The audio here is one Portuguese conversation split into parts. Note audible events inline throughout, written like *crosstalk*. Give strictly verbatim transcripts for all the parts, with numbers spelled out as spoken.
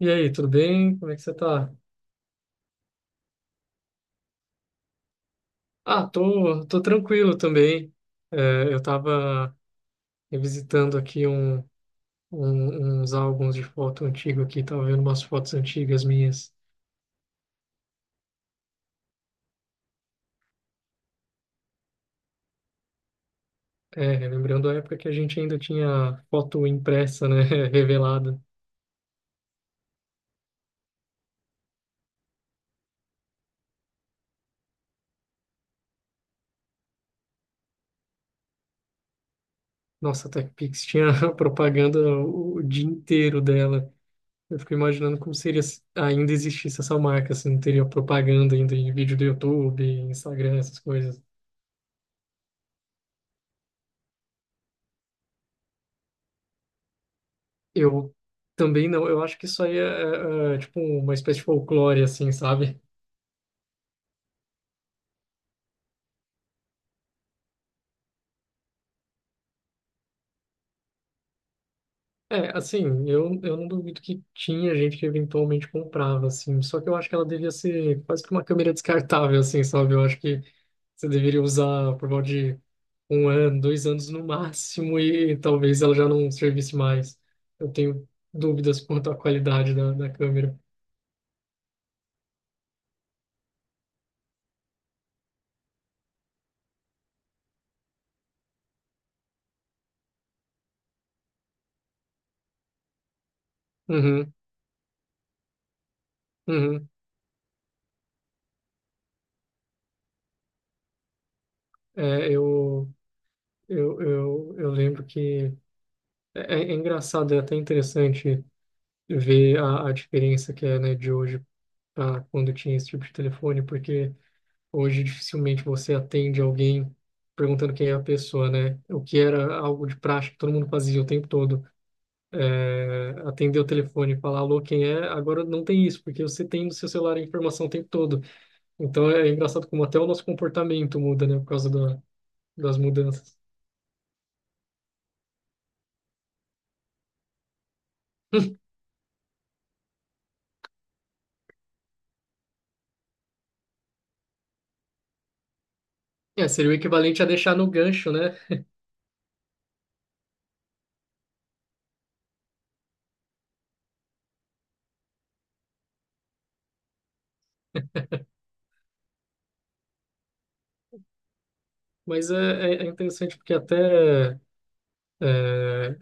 E aí, tudo bem? Como é que você tá? Ah, tô, tô tranquilo também. É, eu tava revisitando aqui um, um- uns álbuns de foto antigo aqui, tava vendo umas fotos antigas minhas. É, lembrando a época que a gente ainda tinha foto impressa, né? *laughs* Revelada. Nossa, a TechPix tinha *laughs* propaganda o, o dia inteiro dela. Eu fico imaginando como seria se ainda existisse essa marca, se não teria propaganda ainda em vídeo do YouTube, Instagram, essas coisas. Eu também não, eu acho que isso aí é, é, é, tipo uma espécie de folclore, assim, sabe? É, assim, eu, eu não duvido que tinha gente que eventualmente comprava, assim, só que eu acho que ela devia ser quase que uma câmera descartável, assim, sabe? Eu acho que você deveria usar por volta de um ano, dois anos no máximo e talvez ela já não servisse mais. Eu tenho dúvidas quanto à qualidade da, da câmera. Uhum, uhum. É, eu, eu, eu, eu lembro que. É, é é engraçado, é até interessante ver a, a diferença que é, né, de hoje para quando tinha esse tipo de telefone, porque hoje dificilmente você atende alguém perguntando quem é a pessoa, né? O que era algo de prática que todo mundo fazia o tempo todo. É, atender o telefone e falar alô, quem é, agora não tem isso, porque você tem no seu celular a informação o tempo todo. Então é é engraçado como até o nosso comportamento muda, né, por causa da, das mudanças. É, seria o equivalente a deixar no gancho, né? Mas é, é é interessante porque até. É,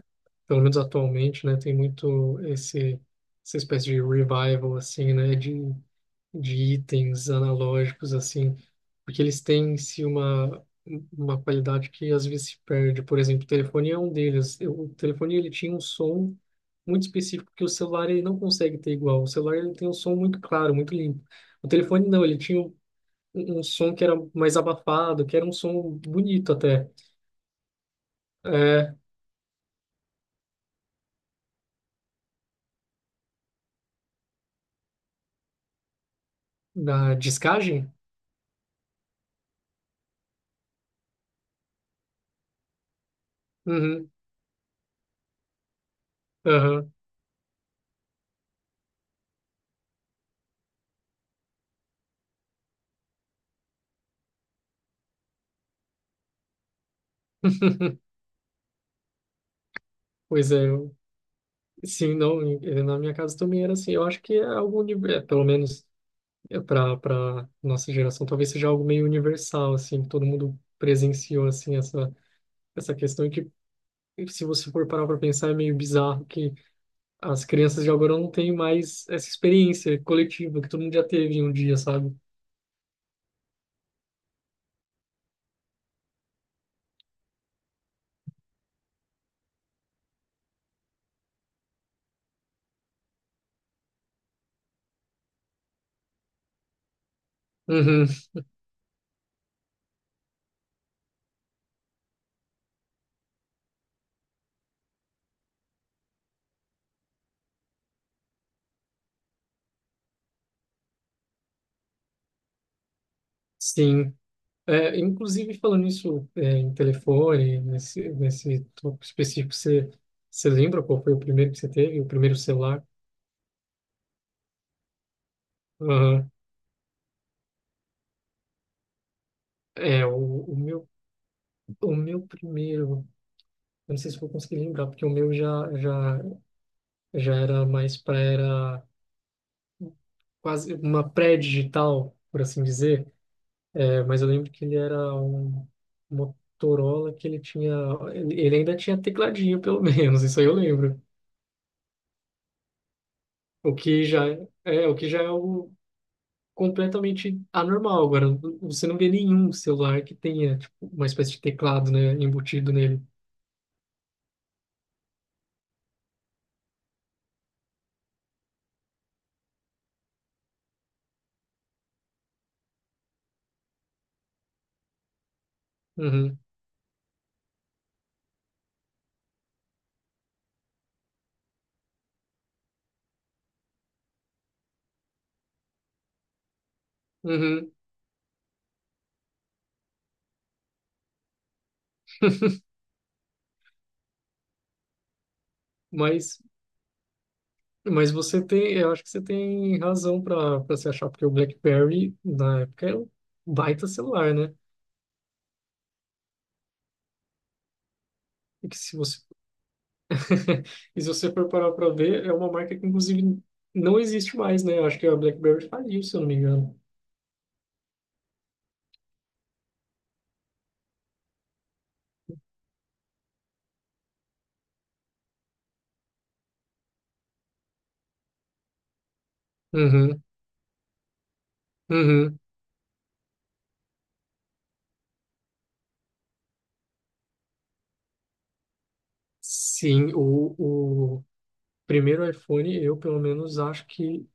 pelo menos atualmente, né, tem muito esse, essa espécie de revival, assim, né, de, de itens analógicos, assim, porque eles têm em si uma, uma qualidade que às vezes se perde. Por exemplo, o telefone é um deles. Eu- O telefone, ele tinha um som muito específico que o celular, ele não consegue ter igual. O celular, ele tem um som muito claro, muito limpo. O telefone, não, ele tinha um, um um som que era mais abafado, que era um som bonito até. É, da discagem? Uhum. Aham. *laughs* Pois é, eu, sim, não, e na minha casa também era assim. Eu acho que é algo, uni- é, pelo menos para para nossa geração, talvez seja algo meio universal, assim, que todo mundo presenciou, assim, essa, essa questão e que, se você for parar para pensar, é meio bizarro que as crianças de agora não têm mais essa experiência coletiva que todo mundo já teve em um dia, sabe? Uhum, sim. É, inclusive, falando nisso, é, em telefone, nesse, nesse tópico específico, você, você lembra qual foi o primeiro que você teve? O primeiro celular? Aham. É, o, o meu, o meu primeiro, eu não sei se eu vou conseguir lembrar, porque o meu já, já, já era mais para, era quase uma pré-digital, por assim dizer. É, mas eu lembro que ele era um Motorola que ele tinha, ele ele ainda tinha tecladinho, pelo *laughs* menos, isso aí eu lembro. O que já é, o que já é algo completamente anormal. Agora, você não vê nenhum celular que tenha, tipo, uma espécie de teclado, né, embutido nele. Uhum, uhum. *laughs* Mas, mas você tem, eu acho que você tem razão para para se achar, porque o BlackBerry, na época, era um baita celular, né? E que se você, *laughs* e se você for parar para ver, é uma marca que, inclusive, não existe mais, né? Eu acho que a BlackBerry faliu, se eu não me engano. Uhum, uhum. Sim, o, o primeiro iPhone, eu pelo menos acho que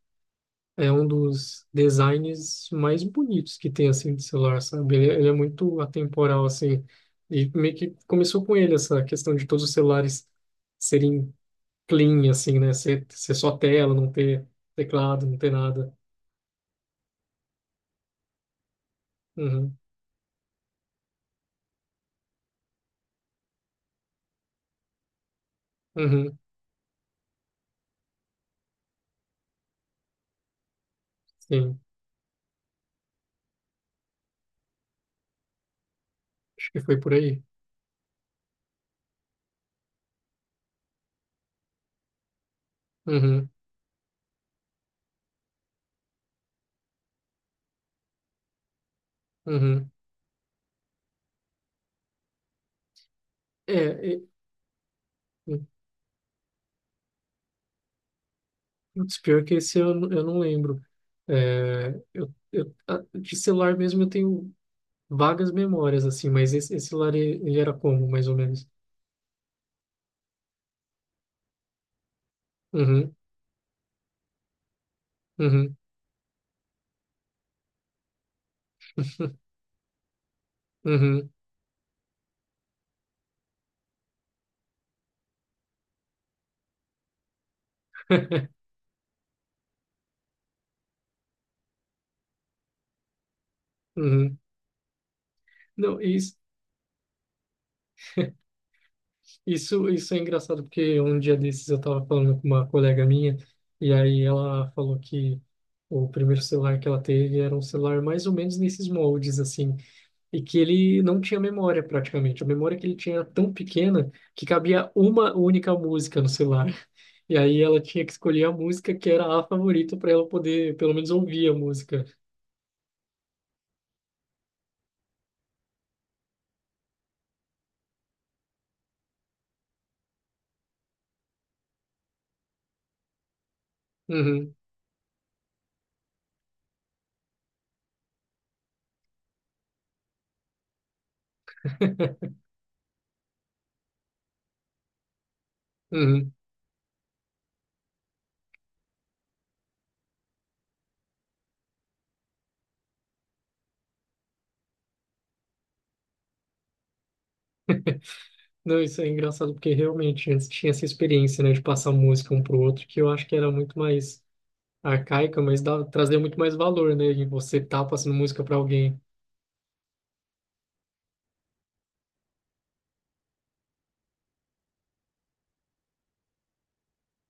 é um dos designs mais bonitos que tem, assim, de celular, sabe? Ele, é, ele é muito atemporal, assim. E meio que começou com ele essa questão de todos os celulares serem clean, assim, né? Ser, ser só tela, não ter teclado, não ter nada. Uhum, uhum, sim. Acho que foi por aí. Uhum, uhum. É, é, putz, pior que esse eu, eu não lembro. É, eu, eu, a- de celular mesmo eu tenho vagas memórias, assim, mas esse, esse celular, ele, ele era como, mais ou menos? Uhum, uhum, *laughs* uhum, *laughs* uhum. Não, isso, isso, isso é engraçado porque um dia desses eu estava falando com uma colega minha e aí ela falou que o primeiro celular que ela teve era um celular mais ou menos nesses moldes assim e que ele não tinha memória praticamente. A memória que ele tinha era tão pequena que cabia uma única música no celular. E aí ela tinha que escolher a música que era a favorita para ela poder pelo menos ouvir a música. Uhum, *laughs* uhum. Não, isso é engraçado porque realmente antes tinha essa experiência, né, de passar música um pro outro, que eu acho que era muito mais arcaica, mas dava, trazia muito mais valor, né, e você tá passando música para alguém.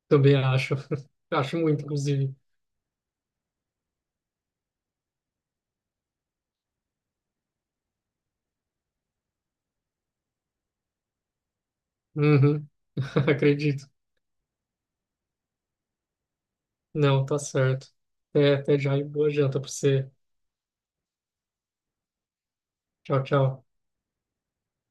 Também acho. *laughs* Acho muito, inclusive. Uhum. *laughs* Acredito. Não, tá certo. Até, até já e boa janta para você. Tchau, tchau.